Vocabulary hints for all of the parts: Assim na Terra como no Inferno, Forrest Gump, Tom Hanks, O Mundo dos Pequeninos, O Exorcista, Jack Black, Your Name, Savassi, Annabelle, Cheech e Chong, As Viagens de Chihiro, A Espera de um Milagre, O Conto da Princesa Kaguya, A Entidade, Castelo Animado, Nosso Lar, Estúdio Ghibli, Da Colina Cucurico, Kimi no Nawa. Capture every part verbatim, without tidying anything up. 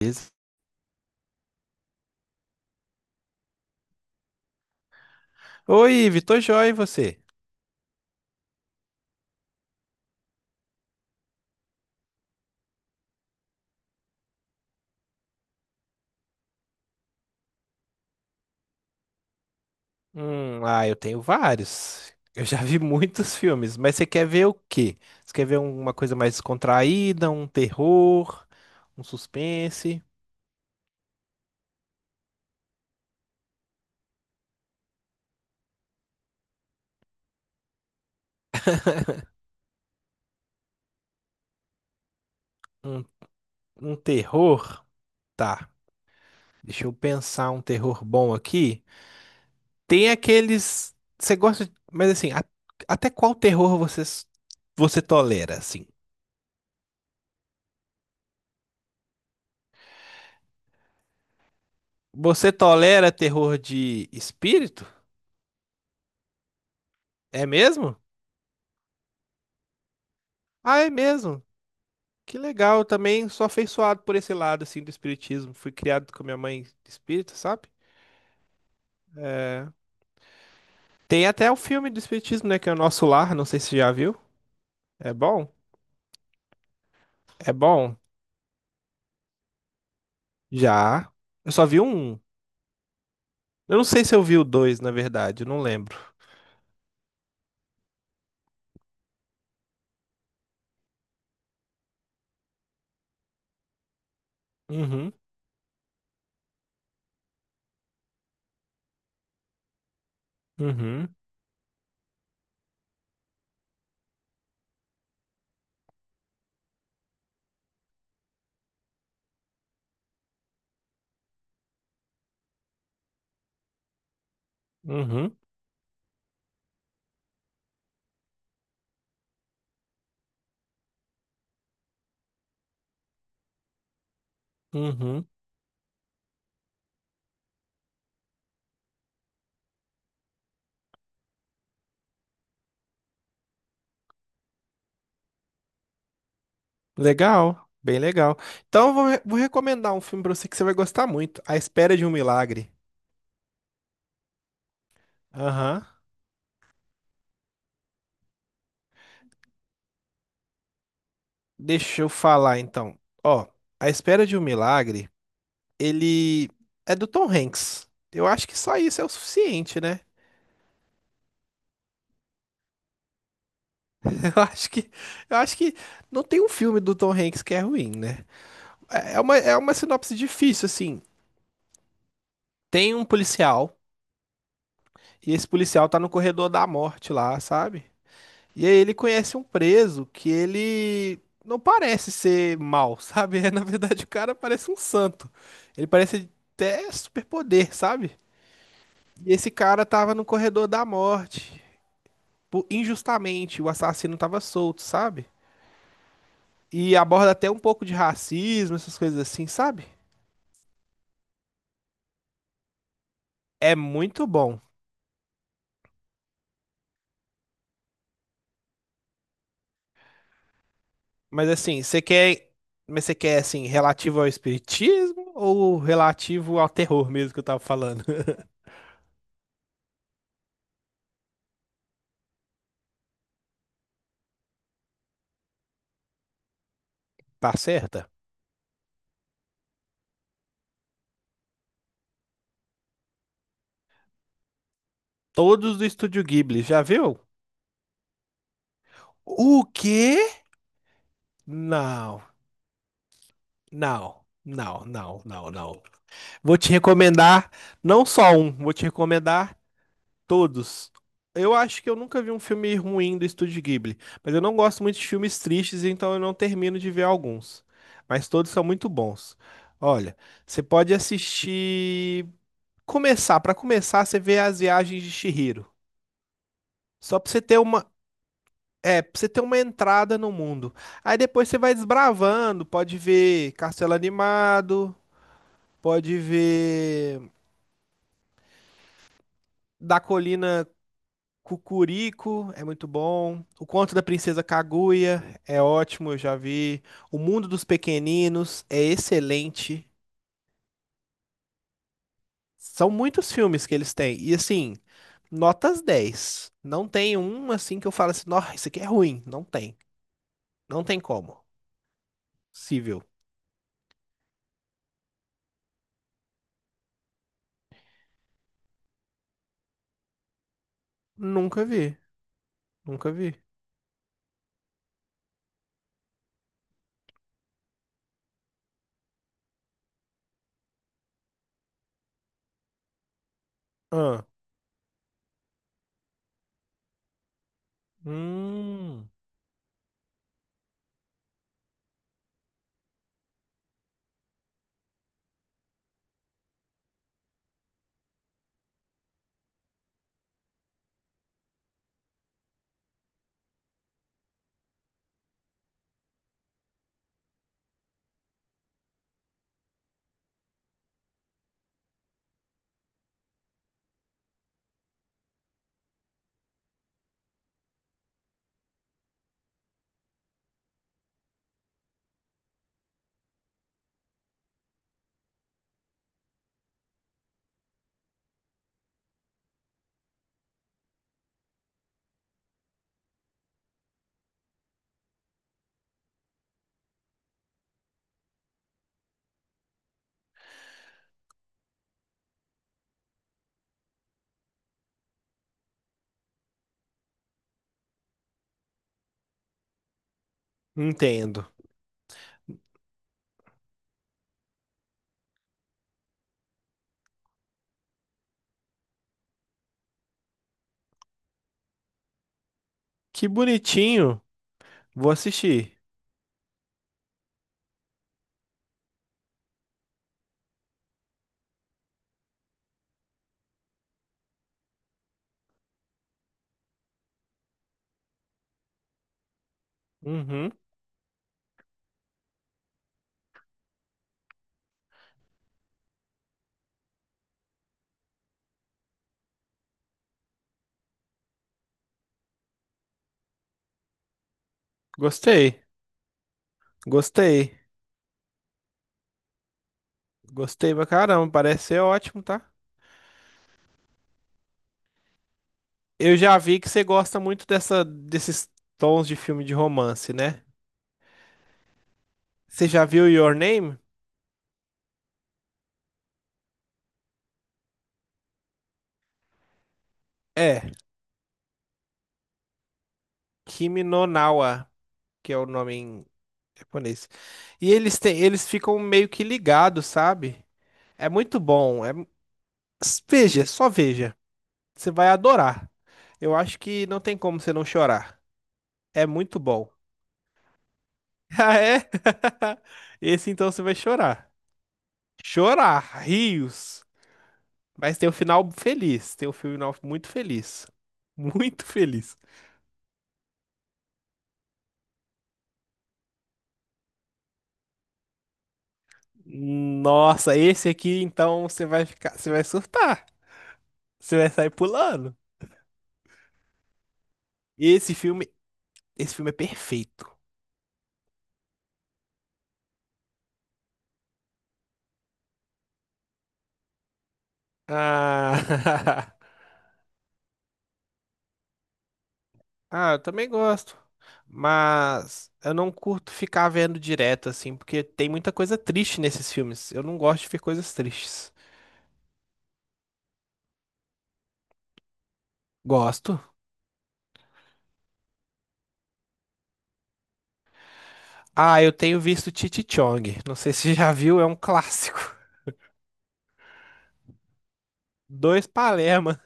Beleza. Oi, Vitor Joy, e você? Hum, ah, eu tenho vários. Eu já vi muitos filmes, mas você quer ver o quê? Você quer ver uma coisa mais descontraída, um terror, um suspense, um, um terror? Tá, deixa eu pensar um terror bom aqui. Tem aqueles. Você gosta, de- mas assim, a- até qual terror você, s- você tolera, assim? Você tolera terror de espírito? É mesmo? Ah, é mesmo. Que legal, eu também sou afeiçoado por esse lado, assim, do espiritismo. Fui criado com a minha mãe espírita, sabe? É, tem até o filme do espiritismo, né, que é o Nosso Lar, não sei se você já viu. É bom? É bom? Já. Eu só vi um. Eu não sei se eu vi o dois, na verdade, eu não lembro. Uhum, uhum, uhum, uhum. Legal, bem legal. Então, eu vou, re- vou recomendar um filme pra você que você vai gostar muito. A Espera de um Milagre. Aham. Deixa eu falar, então. Ó, A Espera de um Milagre, ele é do Tom Hanks. Eu acho que só isso é o suficiente, né? Eu acho que, eu acho que não tem um filme do Tom Hanks que é ruim, né? É é uma, é uma sinopse difícil, assim. Tem um policial, e esse policial tá no corredor da morte lá, sabe? E aí ele conhece um preso que ele não parece ser mal, sabe? É, na verdade, o cara parece um santo. Ele parece até superpoder, sabe? E esse cara tava no corredor da morte. Por- injustamente, o assassino tava solto, sabe? E aborda até um pouco de racismo, essas coisas assim, sabe? É muito bom. Mas assim, você quer. Mas você quer, assim, relativo ao espiritismo ou relativo ao terror mesmo que eu tava falando? Tá certa? Todos do Estúdio Ghibli, já viu? O quê? Não, não, não, não, não, não. Vou te recomendar não só um, vou te recomendar todos. Eu acho que eu nunca vi um filme ruim do Estúdio Ghibli, mas eu não gosto muito de filmes tristes, então eu não termino de ver alguns. Mas todos são muito bons. Olha, você pode assistir. Começar, Pra começar, você vê As Viagens de Chihiro. Só pra você ter uma, é, pra você ter uma entrada no mundo. Aí depois você vai desbravando, pode ver Castelo Animado, pode ver Da Colina Cucurico, é muito bom. O Conto da Princesa Kaguya é ótimo, eu já vi. O Mundo dos Pequeninos é excelente. São muitos filmes que eles têm. E assim, notas dez. Não tem um assim que eu falo assim, nossa, isso aqui é ruim. Não tem. Não tem como. Possível. Nunca vi. Nunca vi. Ah, hum, entendo. Que bonitinho. Vou assistir. Uhum. Gostei. Gostei. Gostei pra caramba. Parece ser ótimo, tá? Eu já vi que você gosta muito dessa, desses tons de filme de romance, né? Você já viu Your Name? É, Kimi no Nawa, que é o nome em japonês. E eles têm, eles ficam meio que ligados, sabe? É muito bom. É... veja, só veja. Você vai adorar. Eu acho que não tem como você não chorar. É muito bom. Ah, é? Esse então você vai chorar. Chorar, rios. Mas tem um final feliz. Tem um final muito feliz. Muito feliz. Nossa, esse aqui então você vai ficar, você vai surtar. Você vai sair pulando. Esse filme, esse filme é perfeito. Ah, ah, eu também gosto. Mas eu não curto ficar vendo direto assim, porque tem muita coisa triste nesses filmes. Eu não gosto de ver coisas tristes. Gosto. Ah, eu tenho visto Cheech e Chong. Não sei se você já viu, é um clássico. Dois Palermo.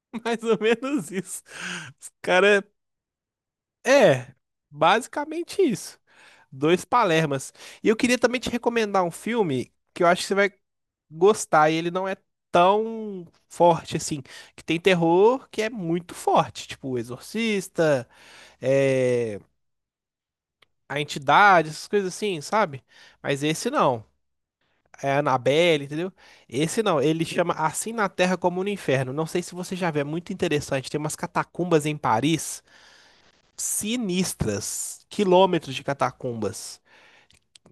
Mais ou menos isso. Os cara, é, basicamente isso. Dois Palermas. E eu queria também te recomendar um filme que eu acho que você vai gostar. E ele não é tão forte assim. Que tem terror que é muito forte. Tipo, O Exorcista, é, A Entidade, essas coisas assim, sabe? Mas esse não. É Annabelle, entendeu? Esse não. Ele chama Assim na Terra como no Inferno. Não sei se você já viu, é muito interessante. Tem umas catacumbas em Paris, sinistras, quilômetros de catacumbas,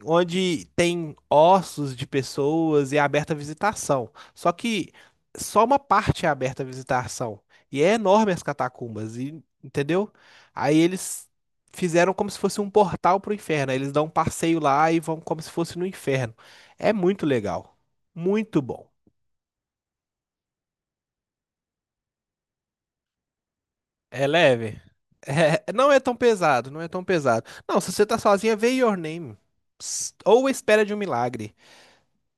onde tem ossos de pessoas e é aberta a visitação. Só que só uma parte é aberta à visitação. E é enorme as catacumbas, e- entendeu? Aí eles fizeram como se fosse um portal pro inferno. Aí eles dão um passeio lá e vão como se fosse no inferno. É muito legal. Muito bom. É leve. É, é, não é tão pesado, não é tão pesado. Não, se você tá sozinha, vê Your Name. Ps- Ou Espera de um Milagre.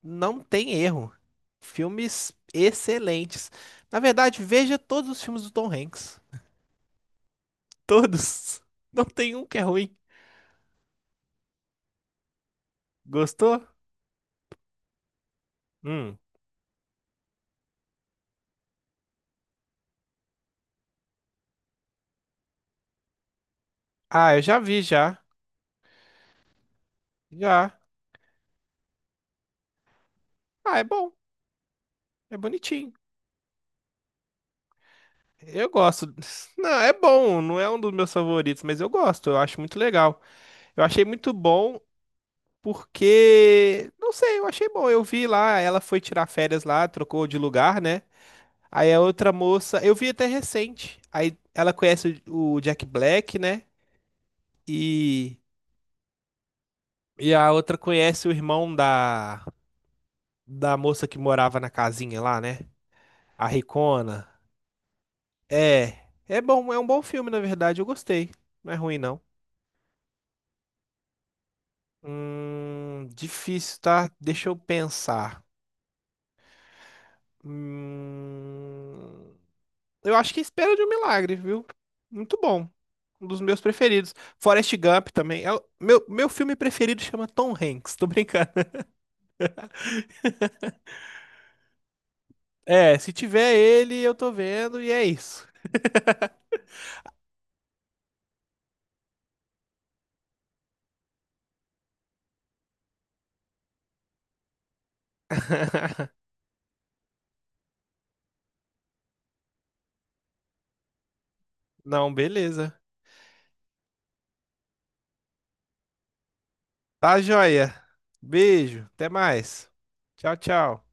Não tem erro. Filmes excelentes. Na verdade, veja todos os filmes do Tom Hanks. Todos. Não tem um que é ruim. Gostou? Hum. Ah, eu já vi, já. Já. Ah, é bom. É bonitinho. Eu gosto. Não, é bom. Não é um dos meus favoritos, mas eu gosto. Eu acho muito legal. Eu achei muito bom. Porque, não sei, eu achei bom. Eu vi lá, ela foi tirar férias lá, trocou de lugar, né? Aí a outra moça, eu vi até recente. Aí ela conhece o o Jack Black, né? E, e a outra conhece o irmão da, da moça que morava na casinha lá, né? A Ricona. É, é bom, é um bom filme, na verdade. Eu gostei. Não é ruim, não. Hum, difícil, tá? Deixa eu pensar. Hum. Eu acho que é Espera de um Milagre, viu? Muito bom. Um dos meus preferidos. Forrest Gump também. É o- meu, meu filme preferido chama Tom Hanks. Tô brincando. É, se tiver ele, eu tô vendo e é isso. Não, beleza. Tá joia. Beijo. Até mais. Tchau, tchau.